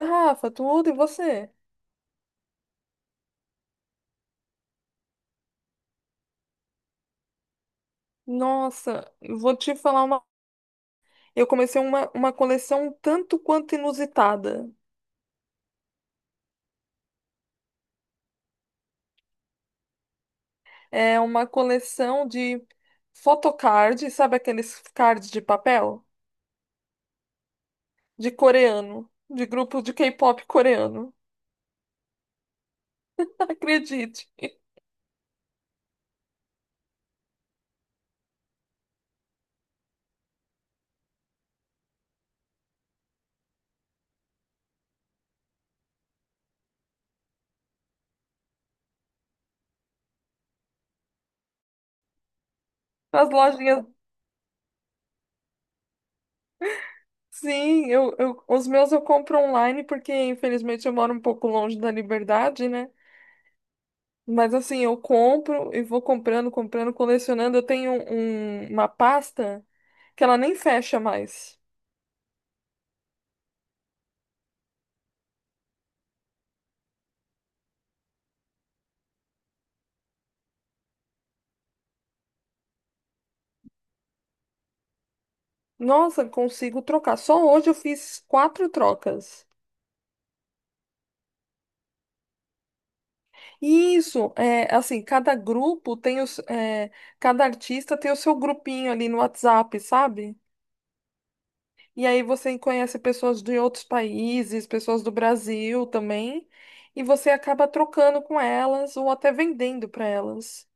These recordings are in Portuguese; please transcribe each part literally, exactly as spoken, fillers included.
Rafa, tudo e você? Nossa, eu vou te falar uma. Eu comecei uma, uma coleção tanto quanto inusitada. É uma coleção de photocard, sabe aqueles cards de papel? De coreano, de grupo de K-pop coreano. Acredite. Nas lojinhas. Sim, eu, eu, os meus eu compro online porque infelizmente eu moro um pouco longe da Liberdade, né? Mas assim, eu compro e vou comprando, comprando, colecionando. Eu tenho um- uma pasta que ela nem fecha mais. Nossa, consigo trocar. Só hoje eu fiz quatro trocas. E isso, é assim, cada grupo tem os, é, cada artista tem o seu grupinho ali no WhatsApp, sabe? E aí você conhece pessoas de outros países, pessoas do Brasil também, e você acaba trocando com elas ou até vendendo para elas.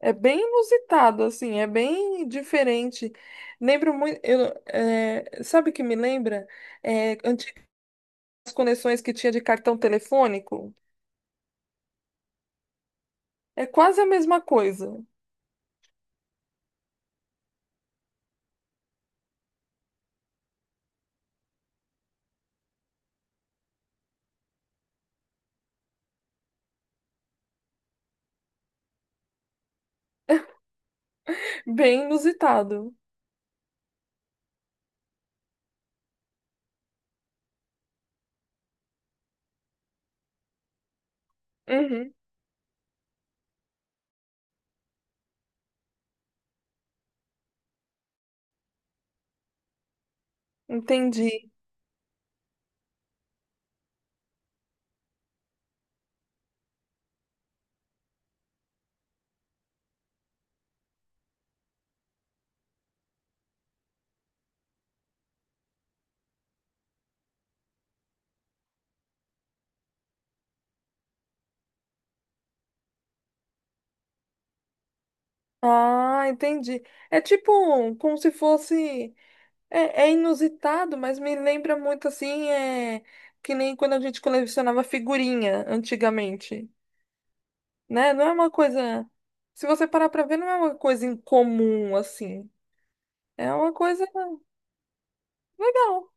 É bem inusitado, assim, é bem diferente. Lembro muito, eu, é, sabe o que me lembra? É, Conexões que tinha de cartão telefônico. É quase a mesma coisa. Bem inusitado. Uhum, entendi. Ah, entendi. É tipo como se fosse. É, é inusitado, mas me lembra muito assim, é que nem quando a gente colecionava figurinha antigamente, né? Não é uma coisa. Se você parar pra ver, não é uma coisa incomum assim. É uma coisa legal.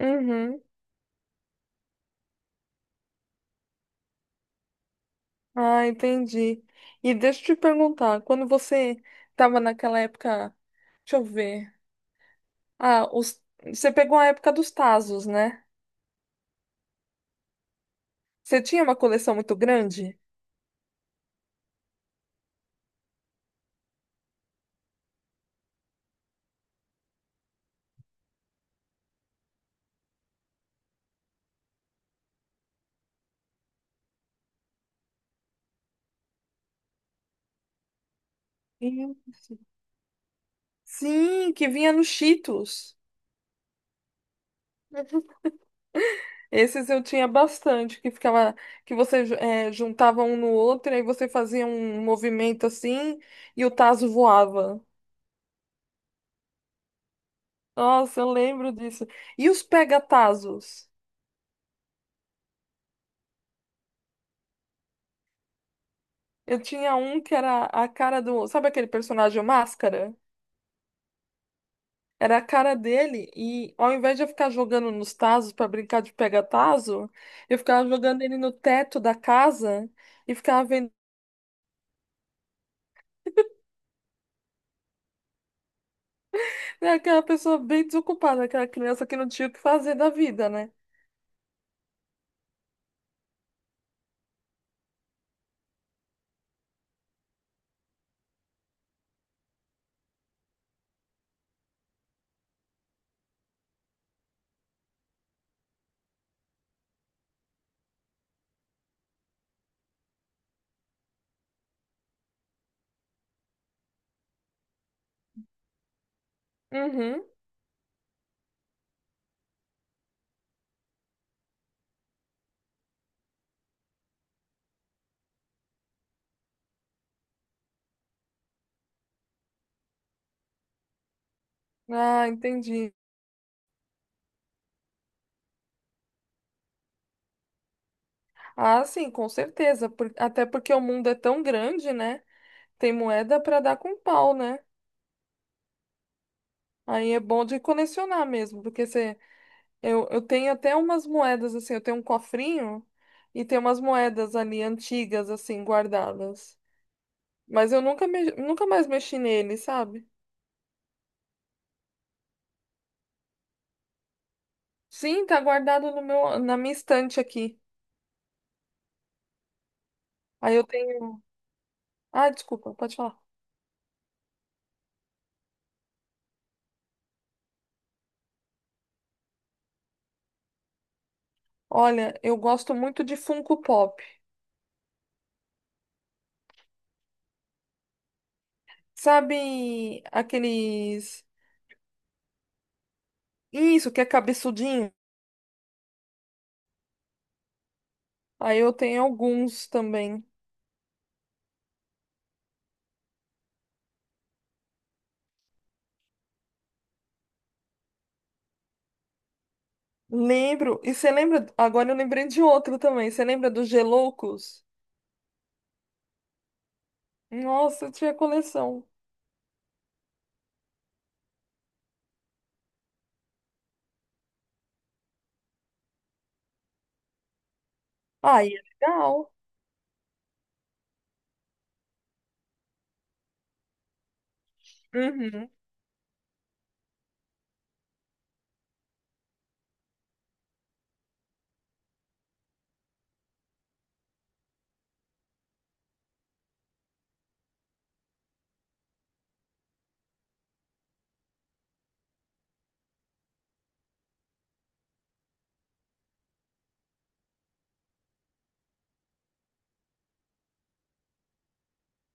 Uhum. Ah, entendi. E deixa eu te perguntar, quando você estava naquela época, deixa eu ver. Ah, os, você pegou a época dos Tazos, né? Você tinha uma coleção muito grande? Isso. Sim, que vinha nos Cheetos. Uhum. Esses eu tinha bastante, que ficava, que você ju- eh, juntava um no outro, e aí você fazia um movimento assim e o tazo voava. Nossa, eu lembro disso. E os pega-tazos? Eu tinha um que era a cara do. Sabe aquele personagem Máscara? Era a cara dele, e ao invés de eu ficar jogando nos tazos pra brincar de pega-tazo, eu ficava jogando ele no teto da casa e ficava vendo. É aquela pessoa bem desocupada, aquela criança que não tinha o que fazer da vida, né? Uhum. Ah, entendi. Ah, sim, com certeza. por- Até porque o mundo é tão grande, né? Tem moeda pra dar com pau, né? Aí é bom de colecionar mesmo, porque você. Eu, eu tenho até umas moedas, assim, eu tenho um cofrinho e tem umas moedas ali antigas, assim, guardadas. Mas eu nunca, me- nunca mais mexi nele, sabe? Sim, tá guardado no meu, na minha estante aqui. Aí eu tenho. Ah, desculpa, pode falar. Olha, eu gosto muito de Funko Pop. Sabe aqueles. Isso, que é cabeçudinho? Aí eu tenho alguns também. Lembro. E você lembra? Agora eu lembrei de outro também. Você lembra dos Geloucos? Nossa, eu tinha coleção. Ah, e é legal. Uhum.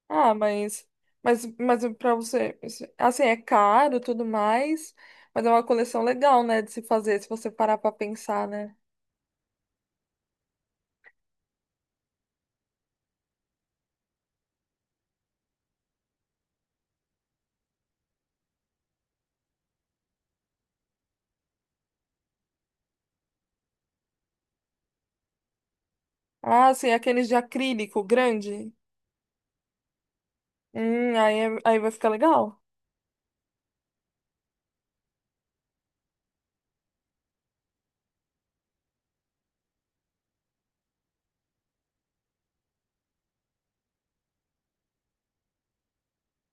Ah, mas, mas, mas para você, assim, é caro tudo mais, mas é uma coleção legal, né, de se fazer, se você parar pra pensar, né? Ah, sim, aqueles de acrílico grande. Hum, aí, é- aí vai ficar legal.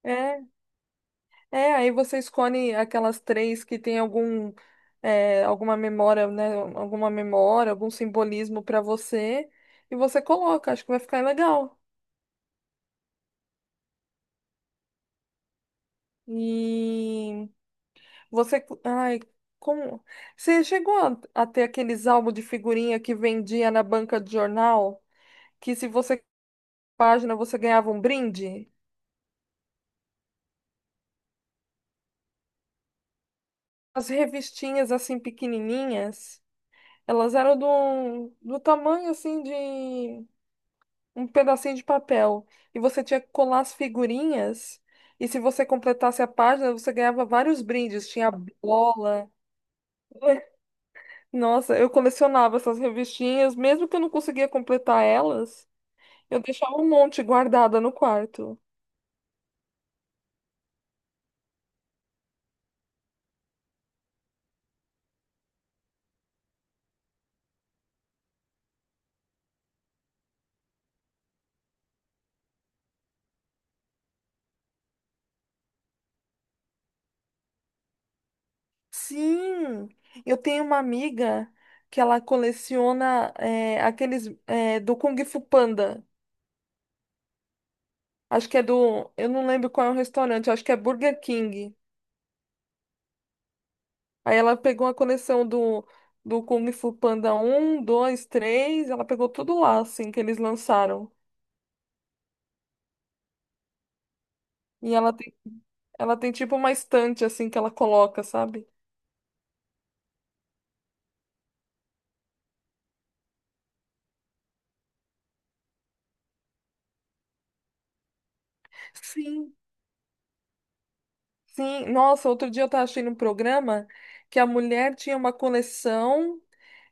É, é, Aí você escolhe aquelas três que tem algum, é, alguma memória, né, alguma memória, algum simbolismo pra você, e você coloca, acho que vai ficar legal. E Você, ai, Como você chegou a, a ter aqueles álbuns de figurinha que vendia na banca de jornal, que se você página você ganhava um brinde? As revistinhas assim pequenininhas, elas eram do, do tamanho assim de um pedacinho de papel e você tinha que colar as figurinhas e se você completasse a página você ganhava vários brindes, tinha bola. Nossa, eu colecionava essas revistinhas, mesmo que eu não conseguia completar elas. Eu deixava um monte guardada no quarto. Sim, eu tenho uma amiga que ela coleciona é, aqueles é, do Kung Fu Panda. Acho que é do. Eu não lembro qual é o restaurante, acho que é Burger King. Aí ela pegou a coleção do, do Kung Fu Panda Um, dois, três. Ela pegou tudo lá, assim, que eles lançaram. E ela tem, ela tem tipo uma estante, assim, que ela coloca, sabe? Sim. Sim, nossa, outro dia eu estava assistindo um programa que a mulher tinha uma coleção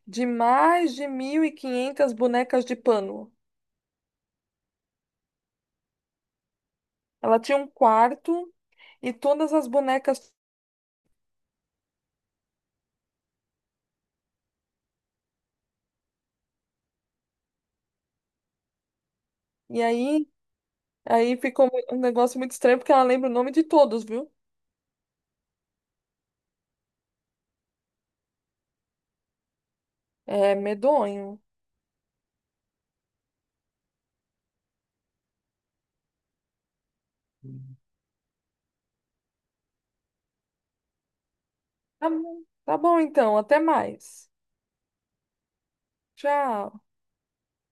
de mais de mil e quinhentas bonecas de pano. Ela tinha um quarto e todas as bonecas. E aí, aí ficou mu- um negócio muito estranho porque ela lembra o nome de todos, viu? É medonho. Tá bom, tá bom então, até mais. Tchau.